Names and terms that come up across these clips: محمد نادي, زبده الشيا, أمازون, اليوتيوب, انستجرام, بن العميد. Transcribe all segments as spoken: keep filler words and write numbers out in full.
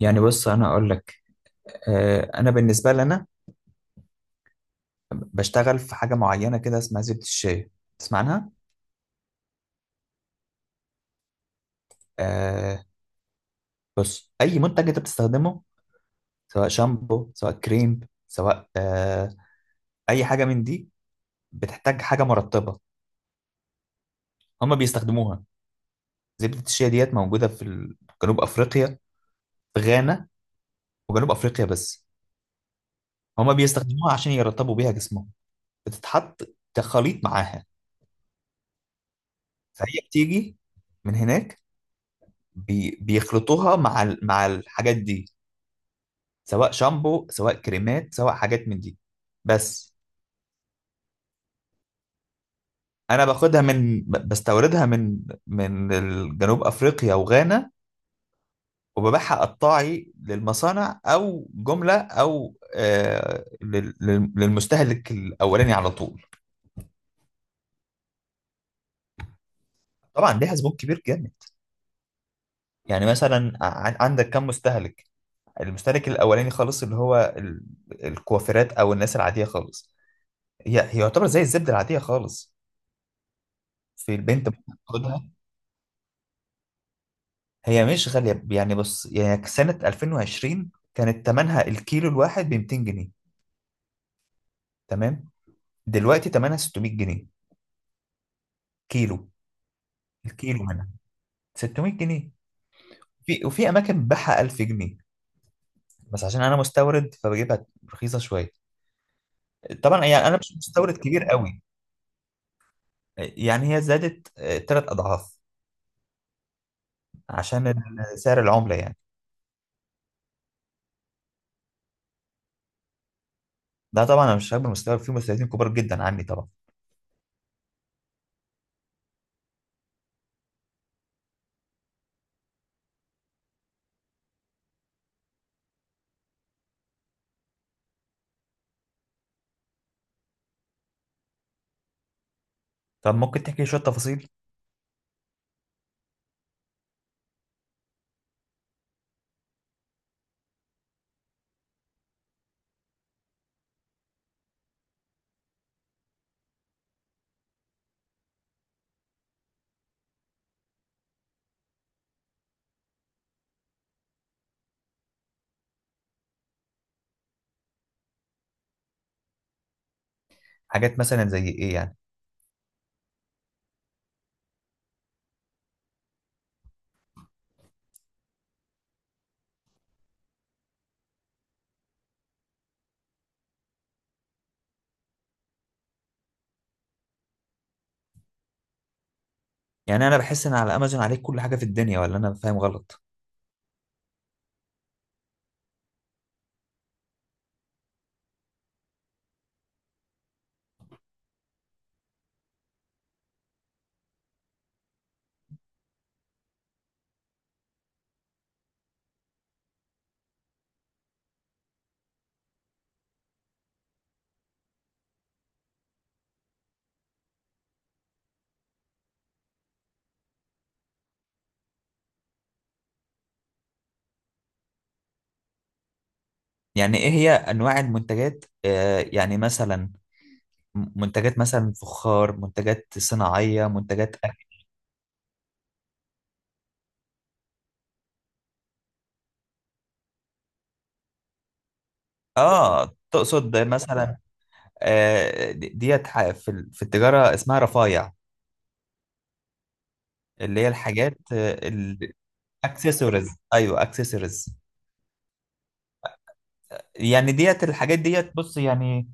يعني بص انا اقول لك. آه، انا بالنسبه لي انا بشتغل في حاجه معينه كده اسمها زبده الشيا. تسمع عنها؟ آه، بص، اي منتج انت بتستخدمه، سواء شامبو سواء كريم، سواء آه، اي حاجه من دي، بتحتاج حاجه مرطبه، هما بيستخدموها. زبده الشيا ديت موجوده في ال- جنوب افريقيا، في غانا وجنوب افريقيا بس. هما بيستخدموها عشان يرطبوا بيها جسمهم. بتتحط كخليط معاها. فهي بتيجي من هناك. بي- بيخلطوها مع ال- مع الحاجات دي، سواء شامبو، سواء كريمات، سواء حاجات من دي بس. انا باخدها من ب- بستوردها من من ال- جنوب افريقيا وغانا. وببيعها قطاعي للمصانع، او جمله، او آه لل- لل- للمستهلك الاولاني على طول. طبعا ليها زبون كبير جامد. يعني مثلا، ع- عندك كم مستهلك. المستهلك الاولاني خالص، اللي هو ال- الكوافيرات او الناس العاديه خالص. هي هي يعتبر زي الزبده العاديه خالص، في البنت ممكن تاخدها. هي مش غالية. يعني بص، يعني سنة الفين وعشرين كانت تمنها الكيلو الواحد ب مئتين جنيه. تمام. دلوقتي تمنها ستمائة جنيه كيلو. الكيلو منها ستمائة جنيه. في وفي أماكن بتبيعها ألف جنيه، بس عشان أنا مستورد فبجيبها رخيصة شوية. طبعا يعني أنا مش مستورد كبير قوي. يعني هي زادت ثلاث أضعاف عشان ال- سعر العملة يعني. ده طبعا أنا مش هكبر مستورد، في مستوردين كبار جدا عني طبعا. طب ممكن تحكي شوية تفاصيل. حاجات مثلا زي إيه يعني؟ يعني انا بحس ان على امازون عليك كل حاجه في الدنيا، ولا انا فاهم غلط؟ يعني ايه هي انواع المنتجات؟ آه يعني مثلا، م- منتجات مثلا فخار، منتجات صناعيه، منتجات اكل. اه تقصد مثلا. آه دي- ديت، ح- في ال- في التجاره اسمها رفايع، اللي هي الحاجات الاكسسوارز. ايوه، اكسسوارز. يعني ديت الحاجات ديت، بص يعني،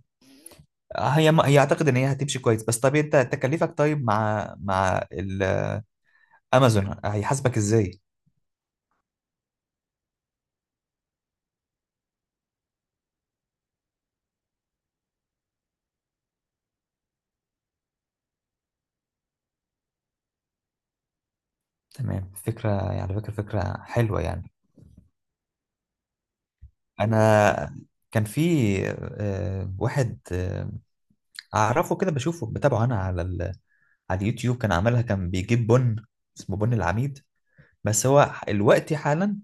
هي هي اعتقد ان هي هتمشي كويس. بس طب، انت تكلفك، طيب، مع مع ال- امازون هيحاسبك ازاي؟ تمام. فكرة، يعني على فكرة فكرة حلوة يعني. أنا، كان في آه، واحد آه، أعرفه كده بشوفه بتابعه أنا على ال... على اليوتيوب. كان عملها، كان بيجيب بن. اسمه بن العميد. بس هو الوقت حالا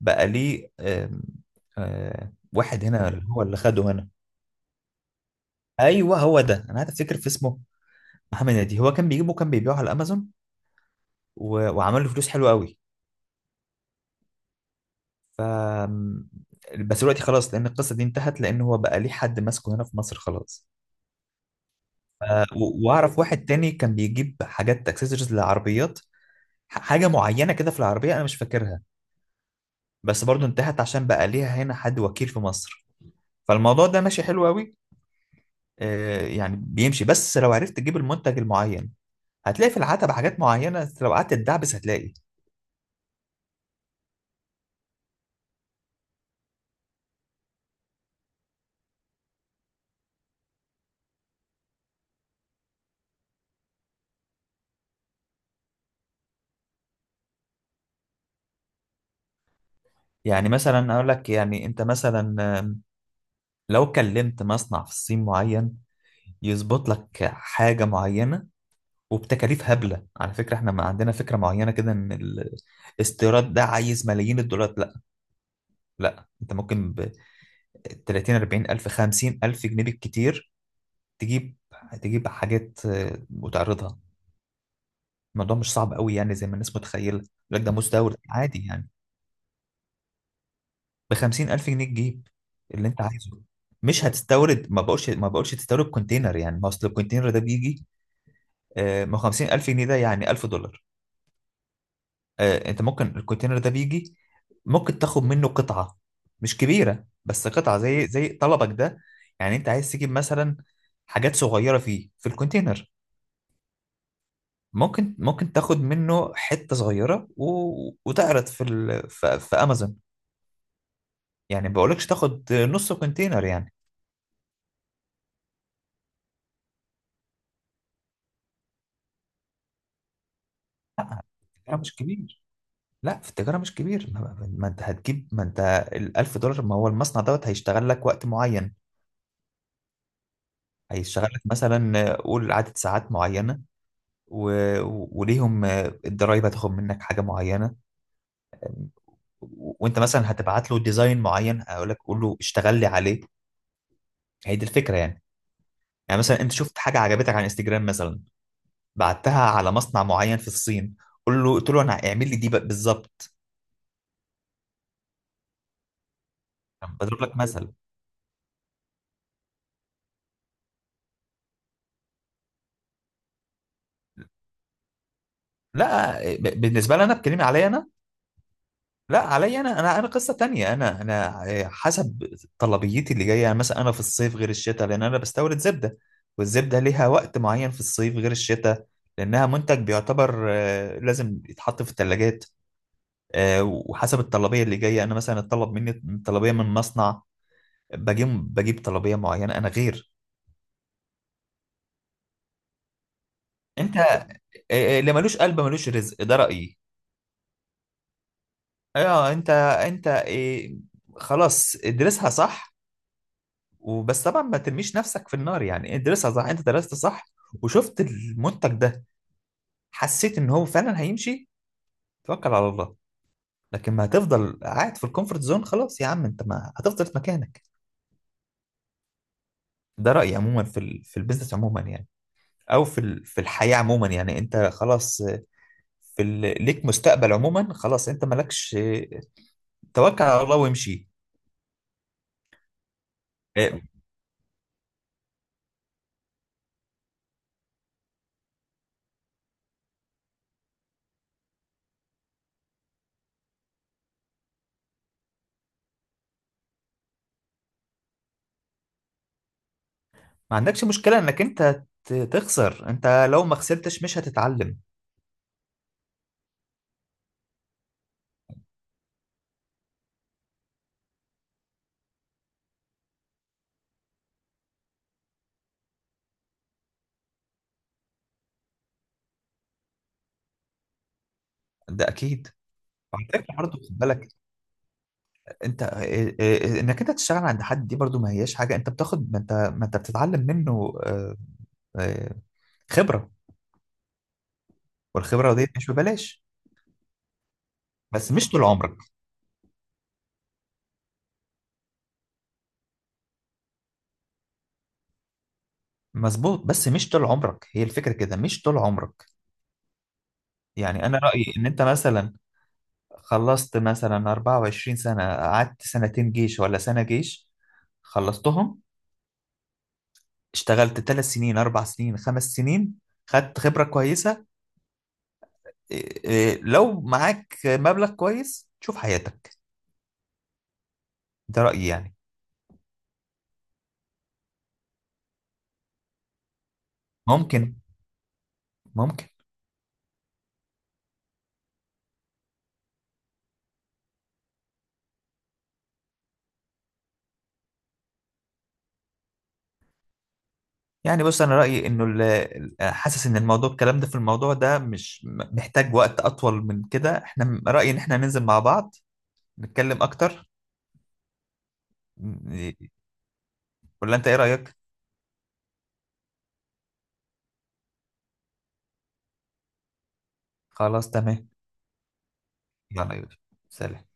بقى ليه. آم، آه، واحد هنا، اللي هو اللي خده هنا. أيوه هو ده، أنا قاعد أفتكر في اسمه. محمد نادي، هو كان بيجيبه كان بيبيعه على أمازون، و... وعمل له فلوس حلوة قوي. ف بس دلوقتي خلاص، لان القصه دي انتهت، لان هو بقى ليه حد ماسكه هنا في مصر خلاص. ف- و- واعرف واحد تاني كان بيجيب حاجات اكسسوارز للعربيات، ح- حاجه معينه كده في العربيه انا مش فاكرها. بس برضو انتهت عشان بقى ليها هنا حد وكيل في مصر. فالموضوع ده ماشي حلو قوي. آه، يعني بيمشي، بس لو عرفت تجيب المنتج المعين هتلاقي في العتبة حاجات معينه. لو قعدت تدعبس هتلاقي. يعني مثلا اقول لك، يعني انت مثلا لو كلمت مصنع في الصين معين، يظبط لك حاجة معينة وبتكاليف هبلة. على فكرة، احنا ما عندنا فكرة معينة كده ان الاستيراد ده عايز ملايين الدولارات، لا. لا، انت ممكن ب تلاتين اربعين ألف خمسين ألف جنيه بالكتير تجيب، تجيب حاجات آه، وتعرضها. الموضوع مش صعب قوي يعني زي ما الناس متخيلة لك، ده مستورد عادي يعني. ب خمسين ألف جنيه تجيب اللي انت عايزه. مش هتستورد، ما بقولش، ما بقولش تستورد كونتينر يعني، ما اصل الكونتينر ده بيجي. آه، ما هو خمسين ألف جنيه ده يعني ألف دولار. آه، انت ممكن الكونتينر ده بيجي، ممكن تاخد منه قطعة مش كبيرة، بس قطعة زي زي طلبك ده. يعني انت عايز تجيب مثلا حاجات صغيرة فيه في الكونتينر. ممكن ممكن تاخد منه حتة صغيرة و... وتعرض في ال... في في امازون. يعني ما بقولكش تاخد نص كونتينر يعني. التجارة مش كبير. لا، في التجارة مش كبير. ما, ما ما انت هتجيب، ما انت ال الف دولار، ما هو المصنع دوت هيشتغل لك وقت معين. هيشتغل لك مثلا، آه، قول عدد ساعات معينة. و... و- وليهم آه، الضرايب هتاخد منك حاجة معينة. و... وانت مثلا هتبعت له ديزاين معين، هقول لك قول له اشتغل لي عليه. هي دي الفكرة يعني. يعني مثلا انت شفت حاجة عجبتك على انستجرام مثلا، بعتها على مصنع معين في الصين، قول له، قلت له انا اعمل لي دي ب- بالظبط. أنا بضرب لك مثل. لا، ب... بالنسبة لي انا، بكلمي عليا انا. لا، علي انا انا انا قصه تانية. انا انا حسب طلبيتي اللي جايه، يعني مثلا انا في الصيف غير الشتاء، لان انا بستورد زبده، والزبده ليها وقت معين في الصيف غير الشتاء، لانها منتج بيعتبر آه، لازم يتحط في الثلاجات. وحسب الطلبيه اللي جايه انا، مثلا اتطلب مني طلبيه من مصنع، بجيب بجيب طلبيه معينه انا غير. انت آه، آه، اللي ملوش قلب ملوش رزق، ده رايي. اه، انت انت آه، خلاص، ادرسها صح. وبس طبعا ما ترميش نفسك في النار، يعني ادرسها صح. انت درست صح وشفت المنتج ده، حسيت ان هو فعلا هيمشي، توكل على الله. لكن ما هتفضل قاعد في الكومفورت زون، خلاص يا عم، انت ما هتفضل في مكانك. ده رأيي عموما في ال... في البيزنس عموما يعني، او في ال... في الحياة عموما يعني. انت خلاص، في ال... ليك مستقبل عموما، خلاص انت مالكش، توكل على الله وامشي. إيه، ما عندكش مشكلة انك انت ت- تخسر. انت لو ما خسرتش مش هتتعلم. ده اكيد. وعلى فكرة برضه خد بالك، انت إيه- إيه- انك انت تشتغل عند حد دي برضو ما هياش حاجه. انت بتاخد، ما انت ما انت بتتعلم منه آه، آه، خبره. والخبره دي مش ببلاش. بس مش طول عمرك. مظبوط، بس مش طول عمرك، هي الفكره كده، مش طول عمرك. يعني انا رايي ان انت مثلا خلصت مثلا 24 سنه، قعدت سنتين جيش ولا سنه جيش، خلصتهم، اشتغلت ثلاث سنين اربع سنين خمس سنين، خدت خبره كويسه. إيه- إيه، لو معاك مبلغ كويس تشوف حياتك. ده رايي يعني. ممكن ممكن. يعني بص، انا رايي انه ال- ال- حاسس ان الموضوع، الكلام ده، في الموضوع ده، مش م- محتاج وقت اطول من كده. احنا م- رايي ان احنا ننزل مع بعض نتكلم اكتر. م- ولا انت ايه رايك؟ خلاص تمام. يلا يا يوسف. سلام.